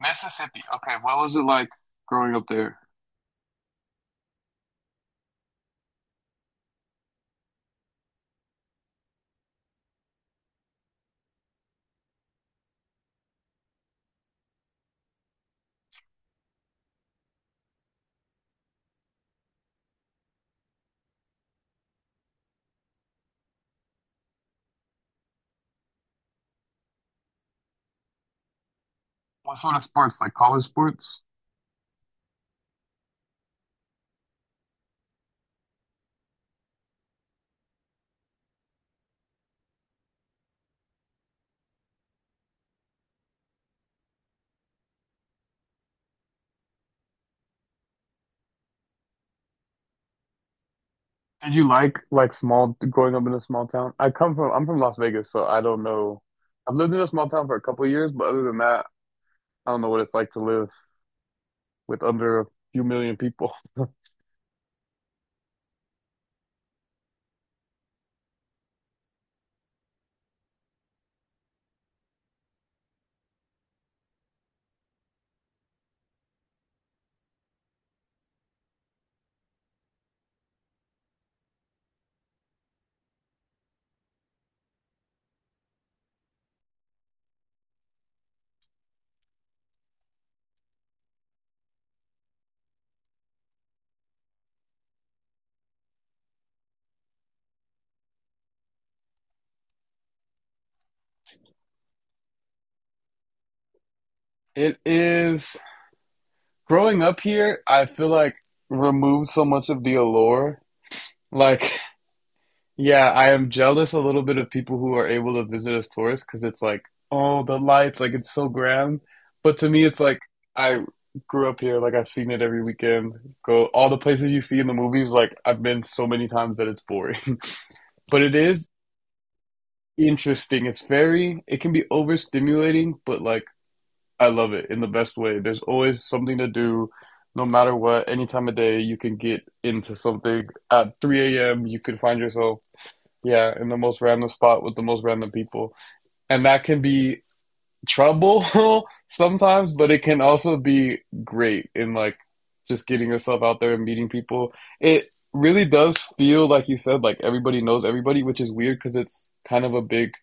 Mississippi. Okay, what was it like growing up there? What sort of sports? Like college sports? Did you like small growing up in a small town? I'm from Las Vegas, so I don't know. I've lived in a small town for a couple of years, but other than that, I don't know what it's like to live with under a few million people. It is growing up here, I feel like removed so much of the allure. Like, yeah, I am jealous a little bit of people who are able to visit as tourists because it's like, oh, the lights, like it's so grand. But to me, it's like I grew up here, like I've seen it every weekend. Go all the places you see in the movies, like I've been so many times that it's boring. But it is interesting. It can be overstimulating, but like I love it in the best way. There's always something to do, no matter what, any time of day, you can get into something. At 3 a.m., you could find yourself, yeah, in the most random spot with the most random people. And that can be trouble sometimes, but it can also be great in like just getting yourself out there and meeting people. It really does feel like you said, like everybody knows everybody, which is weird because it's kind of a big,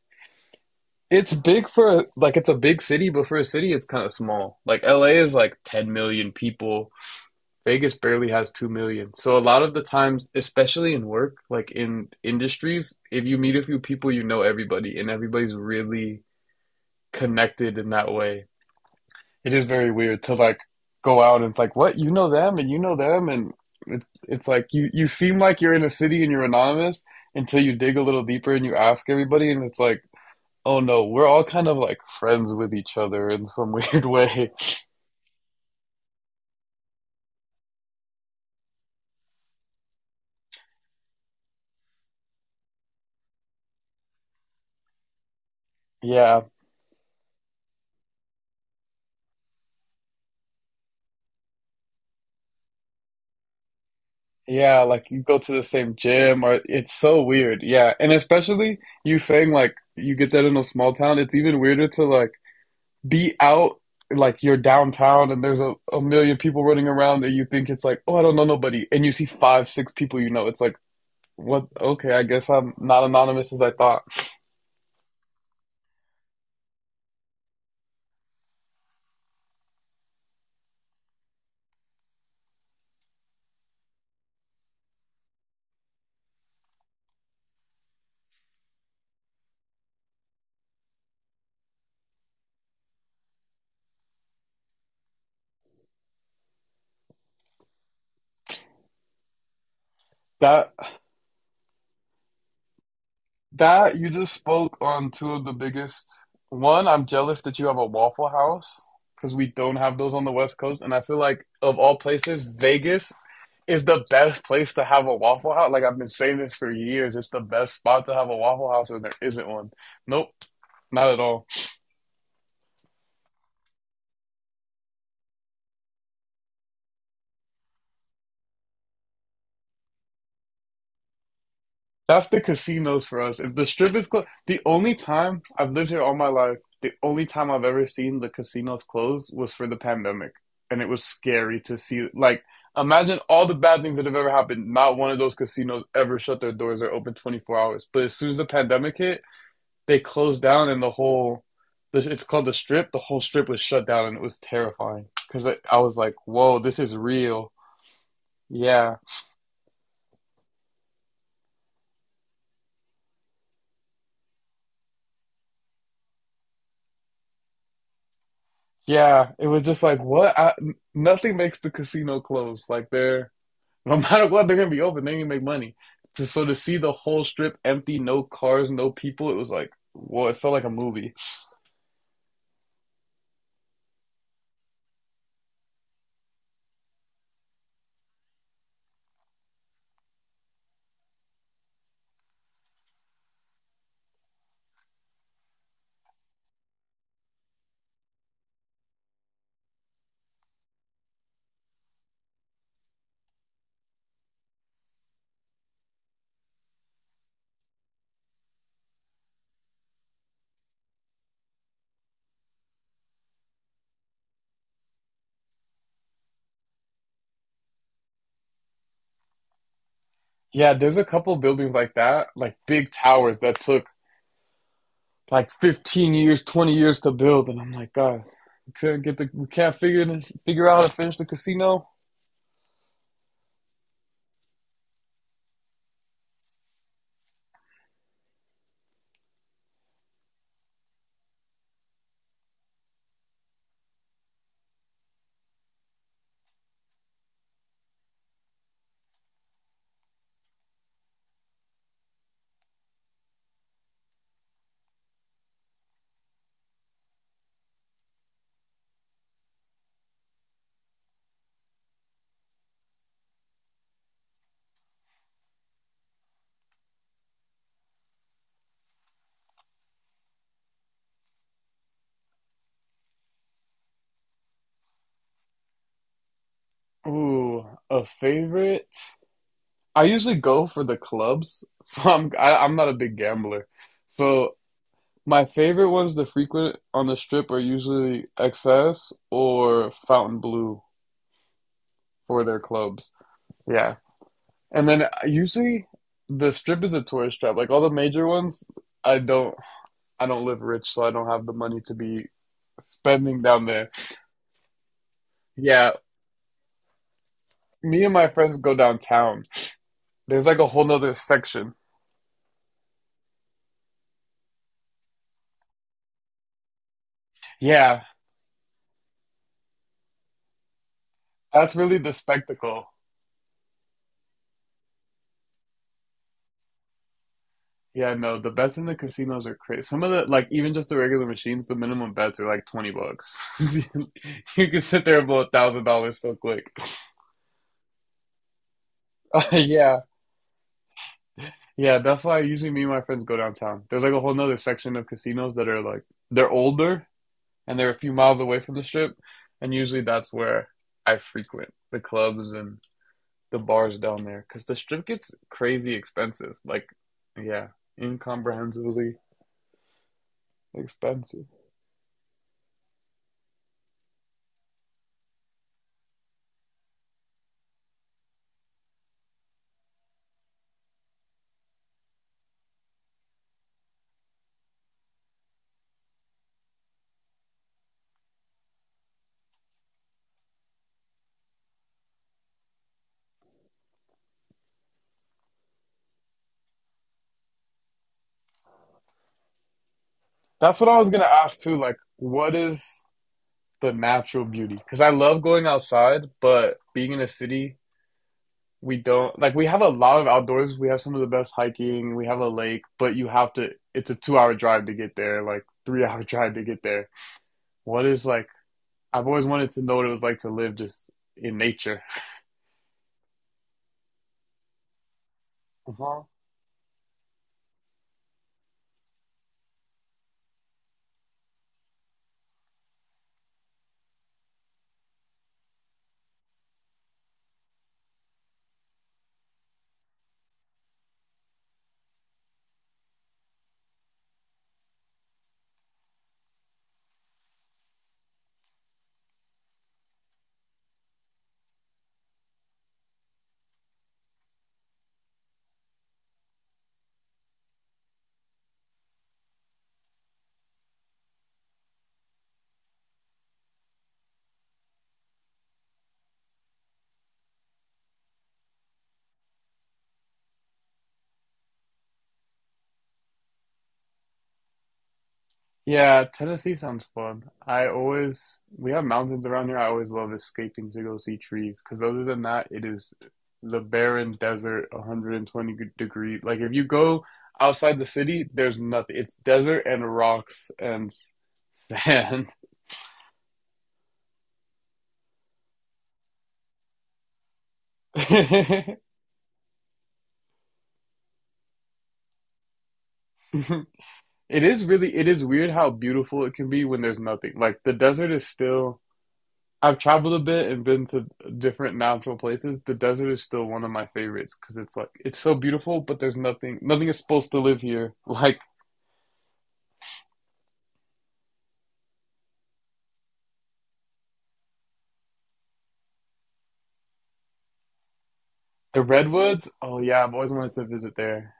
it's a big city, but for a city it's kind of small. Like LA is like 10 million people, Vegas barely has 2 million. So a lot of the times, especially in work, like in industries, if you meet a few people, you know everybody and everybody's really connected in that way. It is very weird to like go out and it's like, what? You know them and you know them. And it's like you seem like you're in a city and you're anonymous until you dig a little deeper and you ask everybody. And it's like, oh no, we're all kind of like friends with each other in some weird way. Yeah. Yeah, like you go to the same gym or it's so weird. Yeah. And especially you saying like you get that in a small town, it's even weirder to like be out, like you're downtown and there's a million people running around and you think it's like, oh, I don't know nobody. And you see five, six people you know. It's like, what? Okay, I guess I'm not anonymous as I thought. That that you just spoke on two of the biggest. One, I'm jealous that you have a Waffle House because we don't have those on the West Coast, and I feel like of all places, Vegas is the best place to have a Waffle House. Like I've been saying this for years. It's the best spot to have a Waffle House, and there isn't one. Nope, not at all. That's the casinos for us. If the strip is closed, the only time I've lived here all my life, the only time I've ever seen the casinos close was for the pandemic, and it was scary to see. Like imagine all the bad things that have ever happened. Not one of those casinos ever shut their doors or open 24 hours. But as soon as the pandemic hit, they closed down and the whole it's called the strip, the whole strip was shut down and it was terrifying because I was like, whoa, this is real. Yeah. Yeah, it was just like, nothing makes the casino close, like they're, no matter what they're gonna be open, they're gonna so to see the whole strip empty, no cars, no people, it was like, well, it felt like a movie. Yeah, there's a couple buildings like that, like big towers that took like 15 years, 20 years to build, and I'm like, guys, we could get the we can't figure out how to finish the casino. Ooh, a favorite. I usually go for the clubs, so I'm not a big gambler. So my favorite ones that frequent on the strip are usually XS or Fountain Blue for their clubs. Yeah, and then usually the strip is a tourist trap. Like all the major ones, I don't I don't live rich, so I don't have the money to be spending down there. Yeah, me and my friends go downtown. There's like a whole nother section. Yeah, that's really the spectacle. Yeah, no, the bets in the casinos are crazy. Some of the, like even just the regular machines, the minimum bets are like $20. You can sit there and blow $1,000 so quick. Yeah, yeah, that's why usually me and my friends go downtown. There's like a whole nother section of casinos that are like, they're older and they're a few miles away from the strip, and usually that's where I frequent the clubs and the bars down there because the strip gets crazy expensive. Like, yeah, incomprehensibly expensive. That's what I was gonna ask too. Like, what is the natural beauty? Because I love going outside, but being in a city, we don't like. We have a lot of outdoors. We have some of the best hiking. We have a lake, but you have to. It's a two-hour drive to get there. Like three-hour drive to get there. What is like? I've always wanted to know what it was like to live just in nature. Uh-huh. Yeah, Tennessee sounds fun. I always We have mountains around here. I always love escaping to go see trees because other than that, it is the barren desert, 120 degree. Like if you go outside the city, there's nothing. It's desert and rocks and sand. It is really, it is weird how beautiful it can be when there's nothing. Like the desert is still, I've traveled a bit and been to different natural places. The desert is still one of my favorites because it's like it's so beautiful, but there's nothing nothing is supposed to live here. Like the redwoods, oh yeah, I've always wanted to visit there.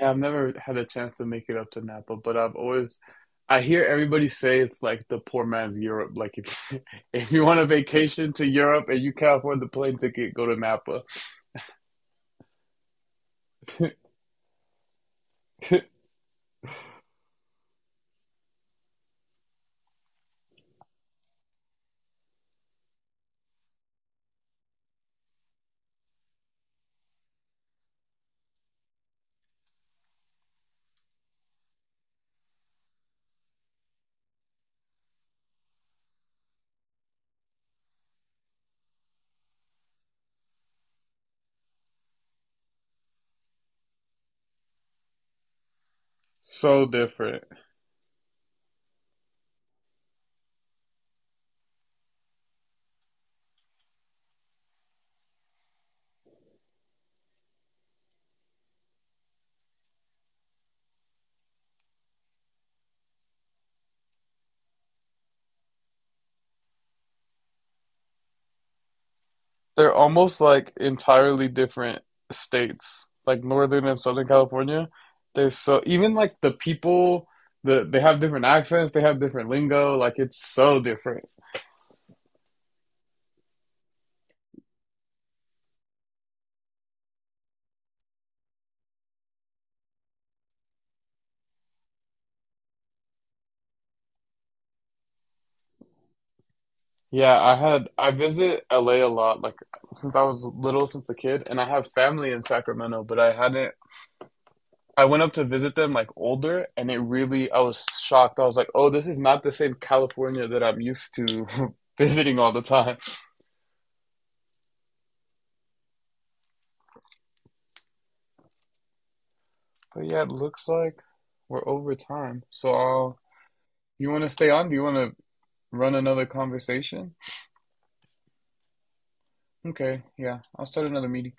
Yeah, I've never had a chance to make it up to Napa, but I hear everybody say it's like the poor man's Europe. Like if, if you want a vacation to Europe and you can't afford the plane ticket, go to Napa. So different. They're almost like entirely different states, like Northern and Southern California. They're so Even like the people, they have different accents, they have different lingo, like it's so different. Yeah, I visit LA a lot, like since I was little, since a kid, and I have family in Sacramento, but I hadn't I went up to visit them like older, and it really I was shocked. I was like, "Oh, this is not the same California that I'm used to visiting all the time." But yeah, it looks like we're over time. So, you want to stay on? Do you want to run another conversation? Okay, yeah, I'll start another meeting.